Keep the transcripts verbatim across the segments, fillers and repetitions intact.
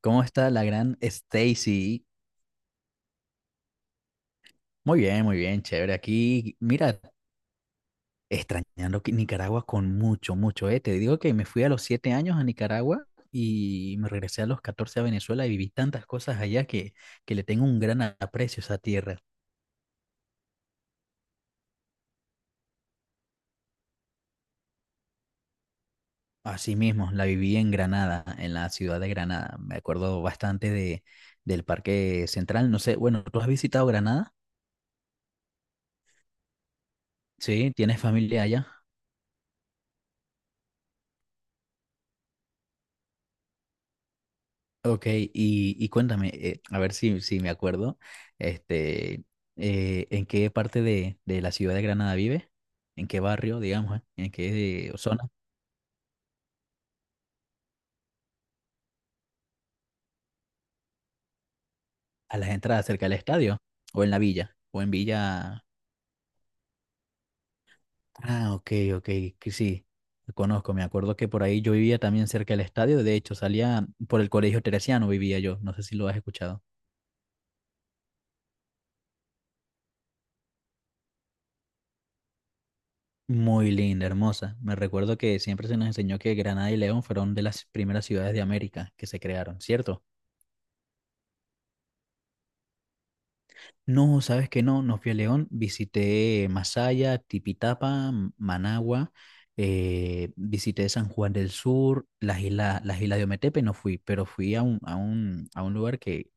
¿Cómo está la gran Stacy? Muy bien, muy bien, chévere. Aquí, mira, extrañando que Nicaragua con mucho, mucho, ¿eh? Te digo que me fui a los siete años a Nicaragua y me regresé a los catorce a Venezuela y viví tantas cosas allá que, que le tengo un gran aprecio a esa tierra. Así mismo, la viví en Granada, en la ciudad de Granada. Me acuerdo bastante de, del Parque Central. No sé, bueno, ¿tú has visitado Granada? Sí, ¿tienes familia allá? Ok, y, y cuéntame, eh, a ver si, si me acuerdo, este, eh, ¿en qué parte de, de la ciudad de Granada vive? ¿En qué barrio, digamos, eh? ¿En qué zona? ¿A las entradas cerca del estadio? ¿O en la villa? ¿O en Villa? Ah, ok, ok, que sí, lo conozco, me acuerdo que por ahí yo vivía también cerca del estadio. De hecho, salía por el Colegio Teresiano, vivía yo, no sé si lo has escuchado. Muy linda, hermosa. Me recuerdo que siempre se nos enseñó que Granada y León fueron de las primeras ciudades de América que se crearon, ¿cierto? No, sabes que no, no fui a León, visité Masaya, Tipitapa, M- Managua, eh, visité San Juan del Sur, las islas, las islas, de Ometepe no fui, pero fui a un, a un, a un lugar que,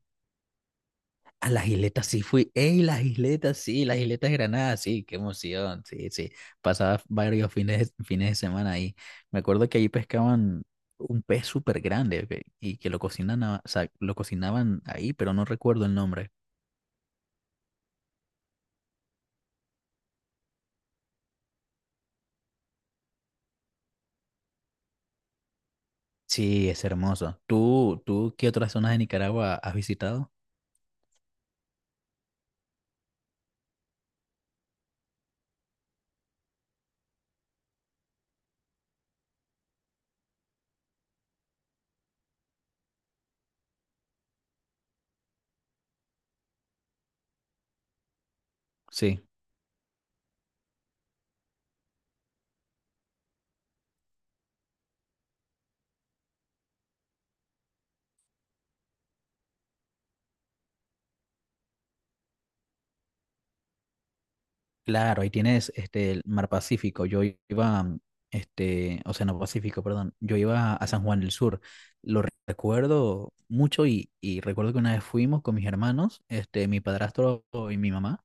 A las isletas sí fui. ¡Ey! Las isletas sí, las isletas de Granada, sí, qué emoción, sí, sí, pasaba varios fines, fines de semana ahí. Me acuerdo que allí pescaban un pez súper grande y que lo cocinan, a- o sea, lo cocinaban ahí, pero no recuerdo el nombre. Sí, es hermoso. ¿Tú, tú qué otras zonas de Nicaragua has visitado? Sí, claro, ahí tienes este el Mar Pacífico. Yo iba, mm, este, Océano Pacífico, perdón. Yo iba a San Juan del Sur. Lo recuerdo mucho y, y recuerdo que una vez fuimos con mis hermanos, este, mi padrastro y mi mamá.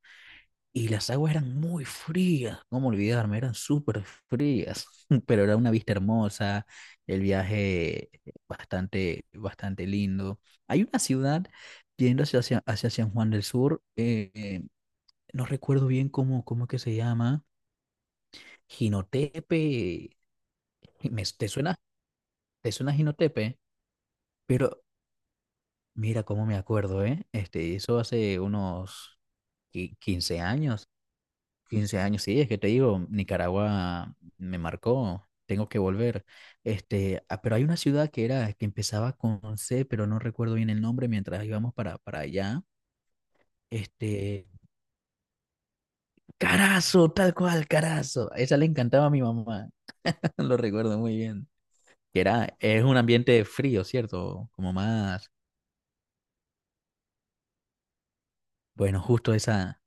Y las aguas eran muy frías, cómo olvidarme, eran súper frías, pero era una vista hermosa, el viaje bastante, bastante lindo. Hay una ciudad yendo hacia, hacia, hacia San Juan del Sur, eh, eh, no recuerdo bien cómo, cómo es que se llama, Jinotepe, me- ¿te suena? ¿Te suena Jinotepe? Pero mira cómo me acuerdo, ¿eh? Este, eso hace unos qui- quince años, quince años, sí, es que te digo, Nicaragua me marcó, tengo que volver. Este, ah, pero hay una ciudad que era, que empezaba con C, pero no recuerdo bien el nombre mientras íbamos para, para allá. Este, Carazo, tal cual, Carazo. A esa le encantaba a mi mamá, lo recuerdo muy bien. Que era, es un ambiente frío, ¿cierto? Como más, bueno, justo esa,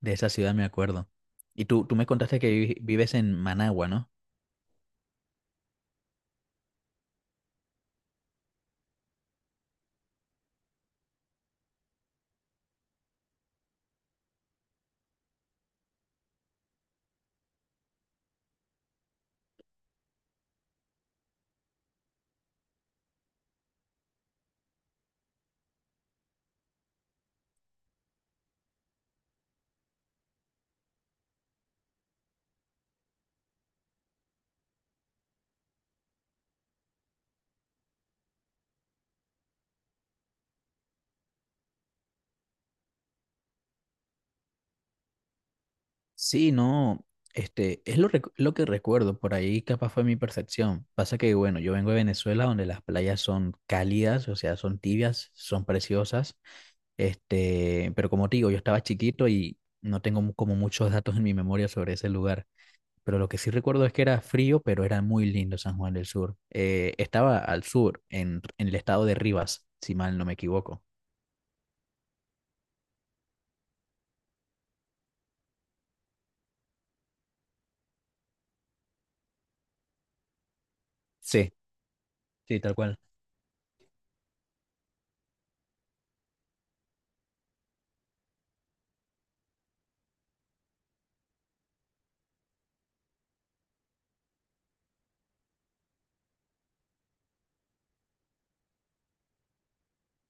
de esa ciudad me acuerdo. Y tú, tú me contaste que vi- vives en Managua, ¿no? Sí, no, este, es lo, recu- lo que recuerdo, por ahí capaz fue mi percepción. Pasa que, bueno, yo vengo de Venezuela donde las playas son cálidas, o sea, son tibias, son preciosas, este, pero como te digo, yo estaba chiquito y no tengo mu- como muchos datos en mi memoria sobre ese lugar. Pero lo que sí recuerdo es que era frío, pero era muy lindo San Juan del Sur. Eh, estaba al sur, en, en el estado de Rivas, si mal no me equivoco. Sí, sí, tal cual.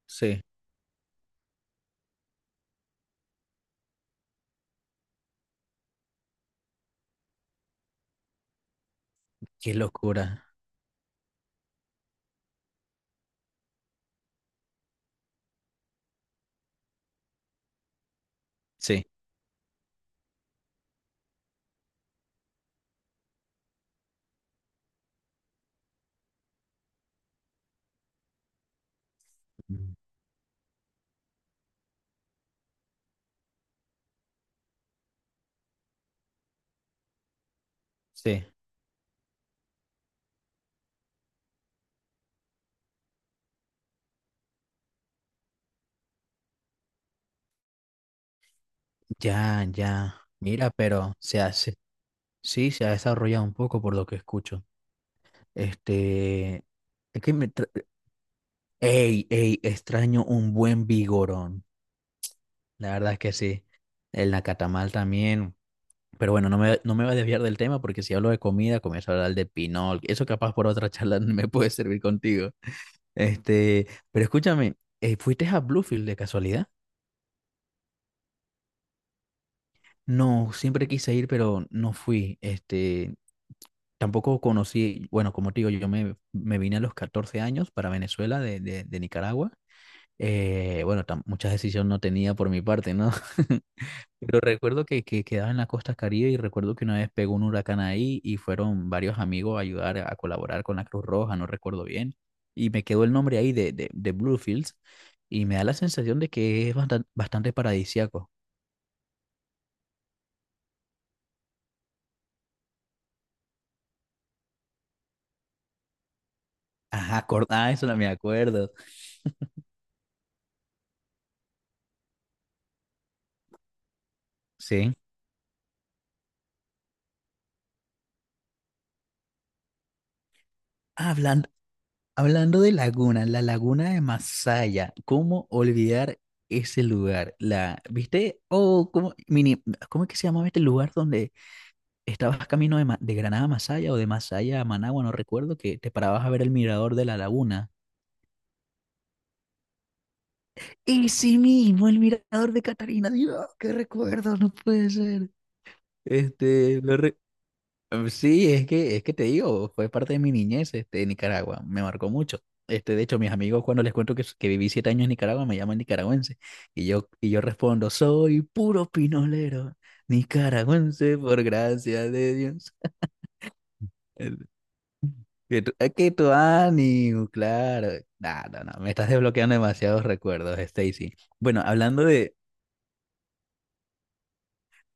Sí. Qué locura. Sí. Mm. Sí. Ya, ya. Mira, pero se hace, sí, se ha desarrollado un poco por lo que escucho. Este, es que me, tra- ey, ey, extraño un buen vigorón. La verdad es que sí. El nacatamal también. Pero bueno, no me, no me voy a desviar del tema porque si hablo de comida, comienzo a hablar de pinol. Eso capaz por otra charla me puede servir contigo. Este, pero escúchame, eh, ¿fuiste a Bluefield de casualidad? No, siempre quise ir, pero no fui. Este, Tampoco conocí, bueno, como te digo, yo me, me vine a los catorce años para Venezuela de, de- de Nicaragua. Eh, bueno, tam- muchas decisiones no tenía por mi parte, ¿no? Pero recuerdo que, que quedaba en la costa Caribe y recuerdo que una vez pegó un huracán ahí y fueron varios amigos a ayudar a colaborar con la Cruz Roja, no recuerdo bien. Y me quedó el nombre ahí de, de, de Bluefields y me da la sensación de que es bastante, bastante paradisíaco. Ajá, acor- ah, eso no me acuerdo. Sí. Habla Hablando de laguna, la laguna de Masaya, ¿cómo olvidar ese lugar? La, ¿viste? Oh, ¿cómo, mini, ¿cómo es que se llamaba este lugar donde estabas camino de, Ma- de Granada a Masaya o de Masaya a Managua? No recuerdo, que te parabas a ver el mirador de la laguna. Ese mismo, el mirador de Catarina. Dios, qué recuerdo, no puede ser. Este, Mm, Sí, es que, es que, te digo, fue parte de mi niñez, este, en Nicaragua, me marcó mucho. Este, de hecho, mis amigos cuando les cuento que, s- que viví siete años en Nicaragua me llaman nicaragüense y yo, y yo respondo, soy puro pinolero, nicaragüense por gracia de Dios. El- Que tu, es que tu ánimo, claro. No, no, no, me estás desbloqueando demasiados recuerdos, Stacy. Bueno, hablando de.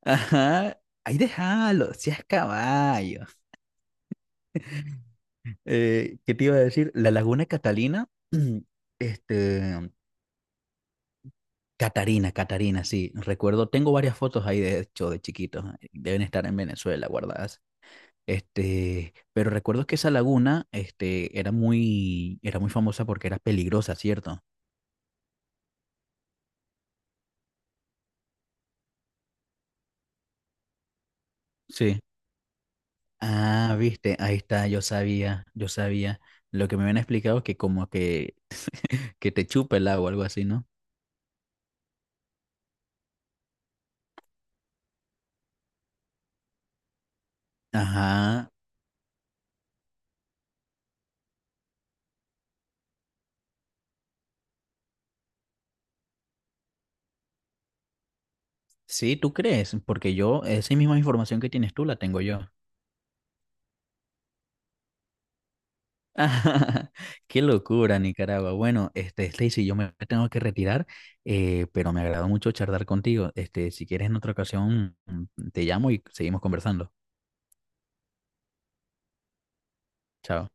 Ajá, ahí déjalo, seas caballo. Eh, ¿qué te iba a decir? La Laguna Catalina, este, Catarina, Catarina, sí, recuerdo, tengo varias fotos ahí de hecho de chiquitos, eh, deben estar en Venezuela guardadas. Este, pero recuerdo que esa laguna, este, era muy, era muy famosa porque era peligrosa, ¿cierto? Sí. Ah, viste, ahí está, yo sabía, yo sabía. Lo que me habían explicado es que como que, que te chupa el agua, algo así, ¿no? Ajá. Sí, ¿tú crees? Porque yo, esa misma información que tienes tú la tengo yo. Qué locura, Nicaragua. Bueno, este, Stacy, yo me tengo que retirar, eh, pero me agradó mucho charlar contigo. Este, si quieres en otra ocasión, mm, te llamo y seguimos conversando. Chao.